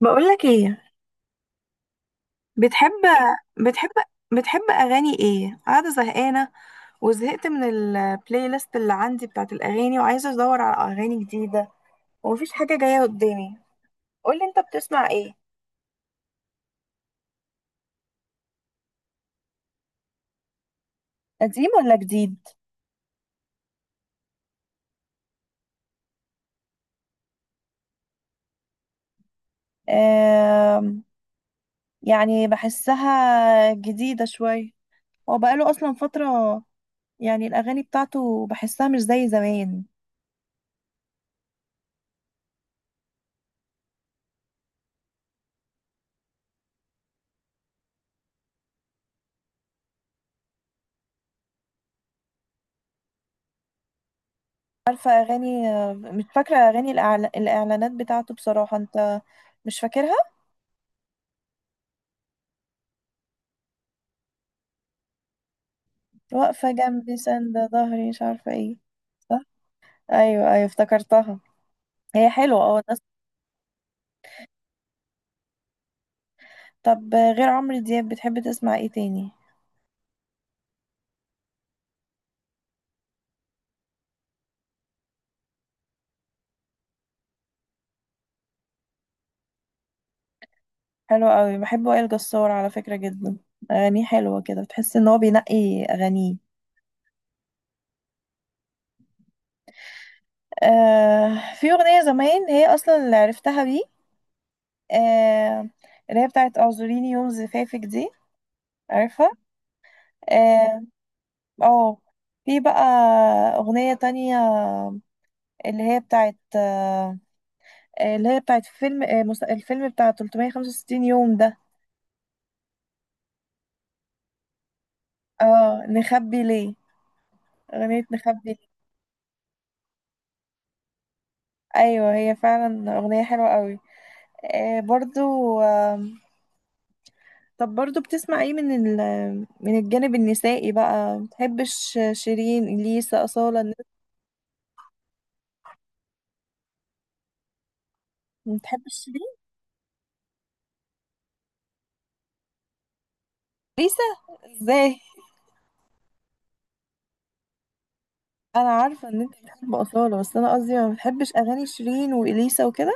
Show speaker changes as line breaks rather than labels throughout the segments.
بقولك ايه؟ بتحب، بتحب بتحب اغاني ايه؟ قاعده زهقانه وزهقت من البلاي ليست اللي عندي بتاعت الاغاني، وعايزه ادور على اغاني جديده، ومفيش حاجه جايه قدامي. قولي انت بتسمع ايه؟ قديم ولا جديد؟ آم، يعني بحسها جديدة شوية، هو بقاله أصلا فترة، يعني الأغاني بتاعته بحسها مش زي زمان. عارفة أغاني، مش فاكرة أغاني الإعلانات بتاعته بصراحة أنت، مش فاكرها. واقفة جنبي ساندة ظهري مش عارفة ايه. صح؟ ايوه ايوه افتكرتها، هي حلوة. اه الناس. طب غير عمرو دياب بتحب تسمع ايه تاني؟ حلو قوي، بحب وائل جسار على فكرة جدا، اغانيه حلوة كده، بتحس ان هو بينقي اغانيه. آه في اغنية زمان هي اصلا اللي عرفتها بيه، آه اللي هي بتاعت اعذريني يوم زفافك دي، عارفها. اه آه. في بقى اغنية تانية اللي هي بتاعت اللي هي بتاعت فيلم الفيلم بتاع 365 يوم ده. اه نخبي ليه، أغنية نخبي ليه. أيوة هي فعلا أغنية حلوة قوي، آه برضو، آه. طب برضو بتسمع ايه من من الجانب النسائي بقى؟ متحبش شيرين، ليسا، أصالة، الناس-. متحبش شيرين، ليسا، ازاي؟ انا عارفة ان انت بتحب أصالة، بس انا قصدي ما بتحبش اغاني شيرين وإليسا وكده.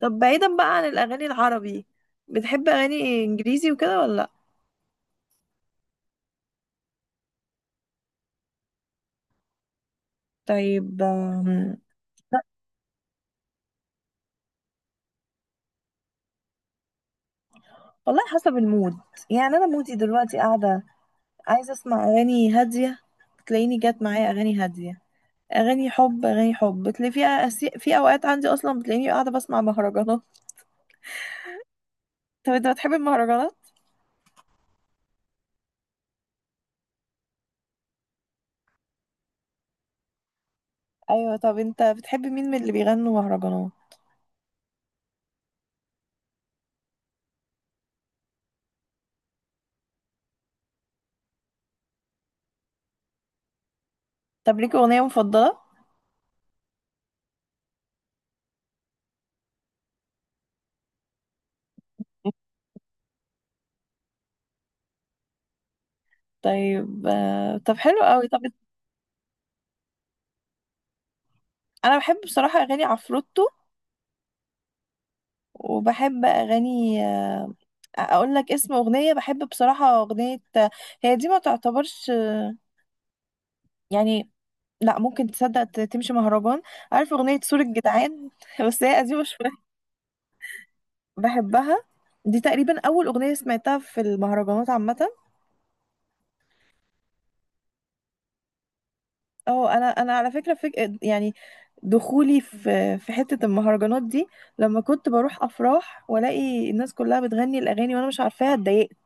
طب بعيدا بقى عن الاغاني العربي، بتحب اغاني انجليزي وكده ولا؟ طيب. والله حسب المود، يعني انا مودي دلوقتي قاعده عايزه اسمع اغاني هاديه، تلاقيني جت معايا اغاني هاديه، اغاني حب، اغاني حب بتلاقي فيها في اوقات عندي اصلا بتلاقيني قاعده بسمع مهرجانات. طب انت بتحب المهرجانات؟ ايوه. طب انت بتحب مين من اللي بيغنوا مهرجانات؟ طب ليك اغنيه مفضله؟ طيب، طب حلو قوي. طب انا بحب بصراحه اغاني عفروتو، وبحب اغاني، اقول لك اسم اغنيه بحب بصراحه، اغنيه هي دي ما تعتبرش يعني، لا ممكن تصدق تمشي مهرجان، عارف اغنيه سور الجدعان؟ بس هي قديمه شويه، بحبها. دي تقريبا اول اغنيه سمعتها في المهرجانات عامه. اه، انا على فكره، يعني دخولي في حته المهرجانات دي لما كنت بروح افراح والاقي الناس كلها بتغني الاغاني وانا مش عارفاها اتضايقت،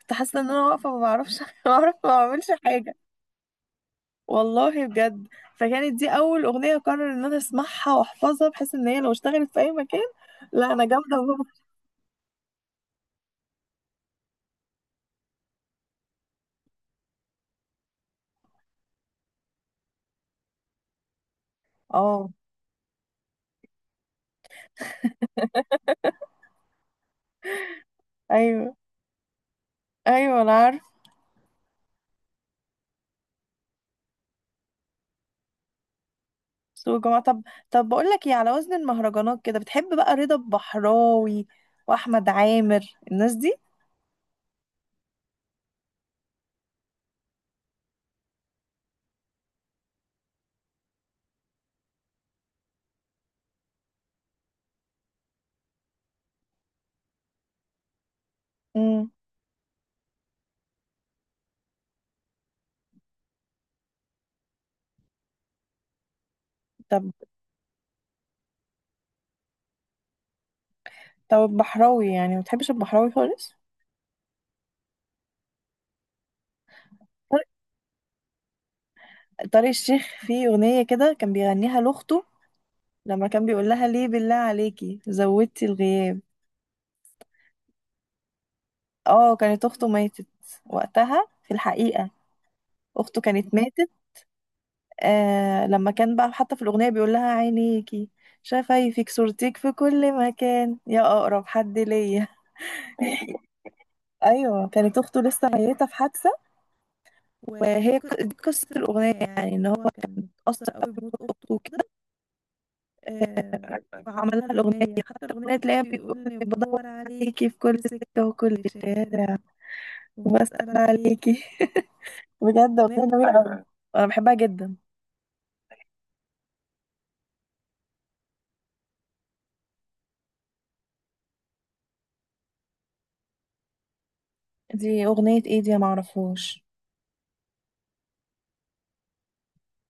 كنت حاسه ان انا واقفه ما بعرفش. ما بعرف ما بعملش حاجه، والله بجد. فكانت دي اول اغنيه قرر ان انا اسمعها واحفظها بحيث ان هي لو اشتغلت في اي مكان، لا انا جامده. اه ايوه ايوه انا عارف. سوق جماعة. طب بقول لك ايه، على وزن المهرجانات كده بتحب بقى رضا البحراوي واحمد عامر، الناس دي؟ امم. طب البحراوي يعني ما بتحبش البحراوي خالص؟ طارق، طارق الشيخ فيه اغنية كده كان بيغنيها لاخته، لما كان بيقول لها ليه بالله عليكي زودتي الغياب. اه كانت اخته ماتت وقتها في الحقيقة، اخته كانت ماتت. آه لما كان بقى حتى في الأغنية بيقول لها عينيكي، شفايفك، صورتك في كل مكان يا أقرب حد ليا. أيوة كانت أخته لسه ميتة في حادثة، وهي دي قصة الأغنية، يعني إن هو كان اتأثر قوي بموت أخته وكده، آه، فعمل لها الأغنية، حتى الأغنية تلاقيها بيقول لي بدور عليكي في كل سكة وكل شارع وبسأل عليكي. بجد أغنية جميلة أوي، أنا بحبها جدا. دي أغنية إيه دي معرفوش؟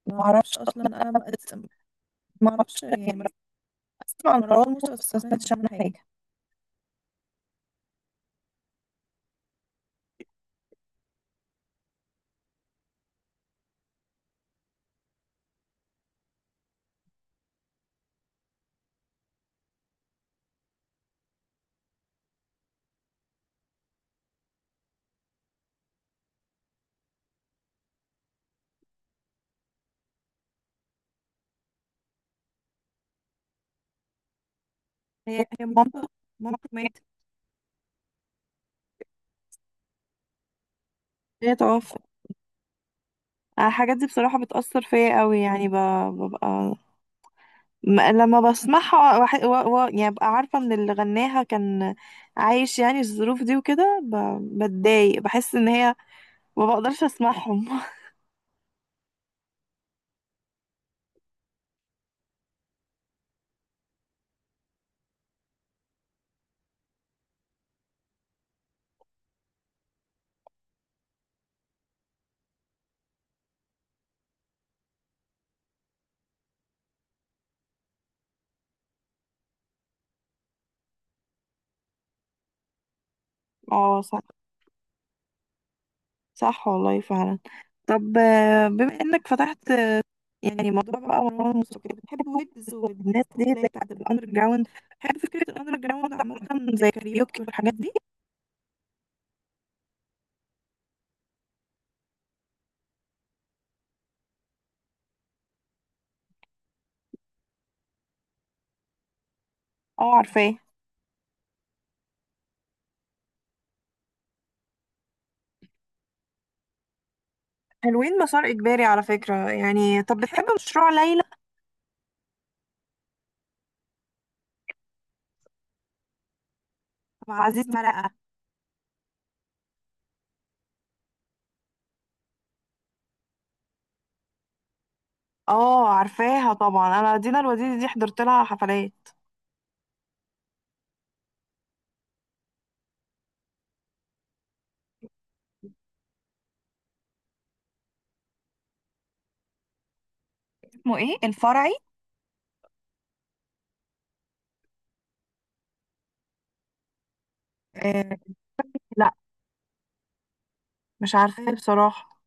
معرفش أصلا أنا، ما معرفش يعني، بسمع مروان موسى بس ما سمعتش عنها حاجة. هي مامته، مامته ماتت، هي توفت. أنا الحاجات دي بصراحة بتأثر فيا قوي، يعني ببقى، لما بسمعها يعني ببقى عارفة ان اللي غناها كان عايش يعني الظروف دي وكده، بتضايق، بحس ان هي ما بقدرش اسمعهم. اه صح، صح والله فعلا. طب، بما انك فتحت، يعني موضوع بقى مروان موسيقى، بتحب ويجز والناس دي اللي هي بتاعت الاندر جراوند؟ بتحب فكرة الاندر جراوند عامة زي كاريوكي والحاجات دي؟ اه عارفاه، حلوين مسار اجباري على فكرة يعني. طب بتحب مشروع ليلى مع عزيز مرقة؟ اه عارفاها طبعا، انا دينا الوديدي دي حضرت لها حفلات. اسمه ايه الفرعي؟ آه لا مش عارفاها بصراحة،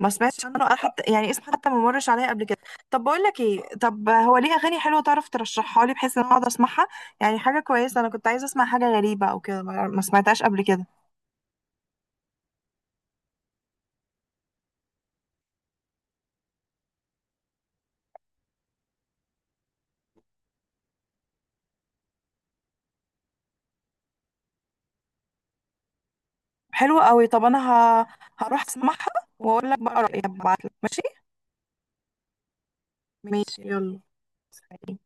ما سمعتش عنه أنا حتى، يعني اسم حتى ما مرش عليا قبل كده. طب بقول لك ايه، طب هو ليه اغاني حلوه تعرف ترشحها لي بحيث ان انا اقعد اسمعها؟ يعني حاجه كويسه، انا كنت عايزه اسمع حاجه غريبه او كده، ما سمعتهاش قبل كده. حلوه قوي، طب انا ه... هروح اسمعها واقول لك بقى رايي، هبعت لك ماشي. ماشي يلا، سلام.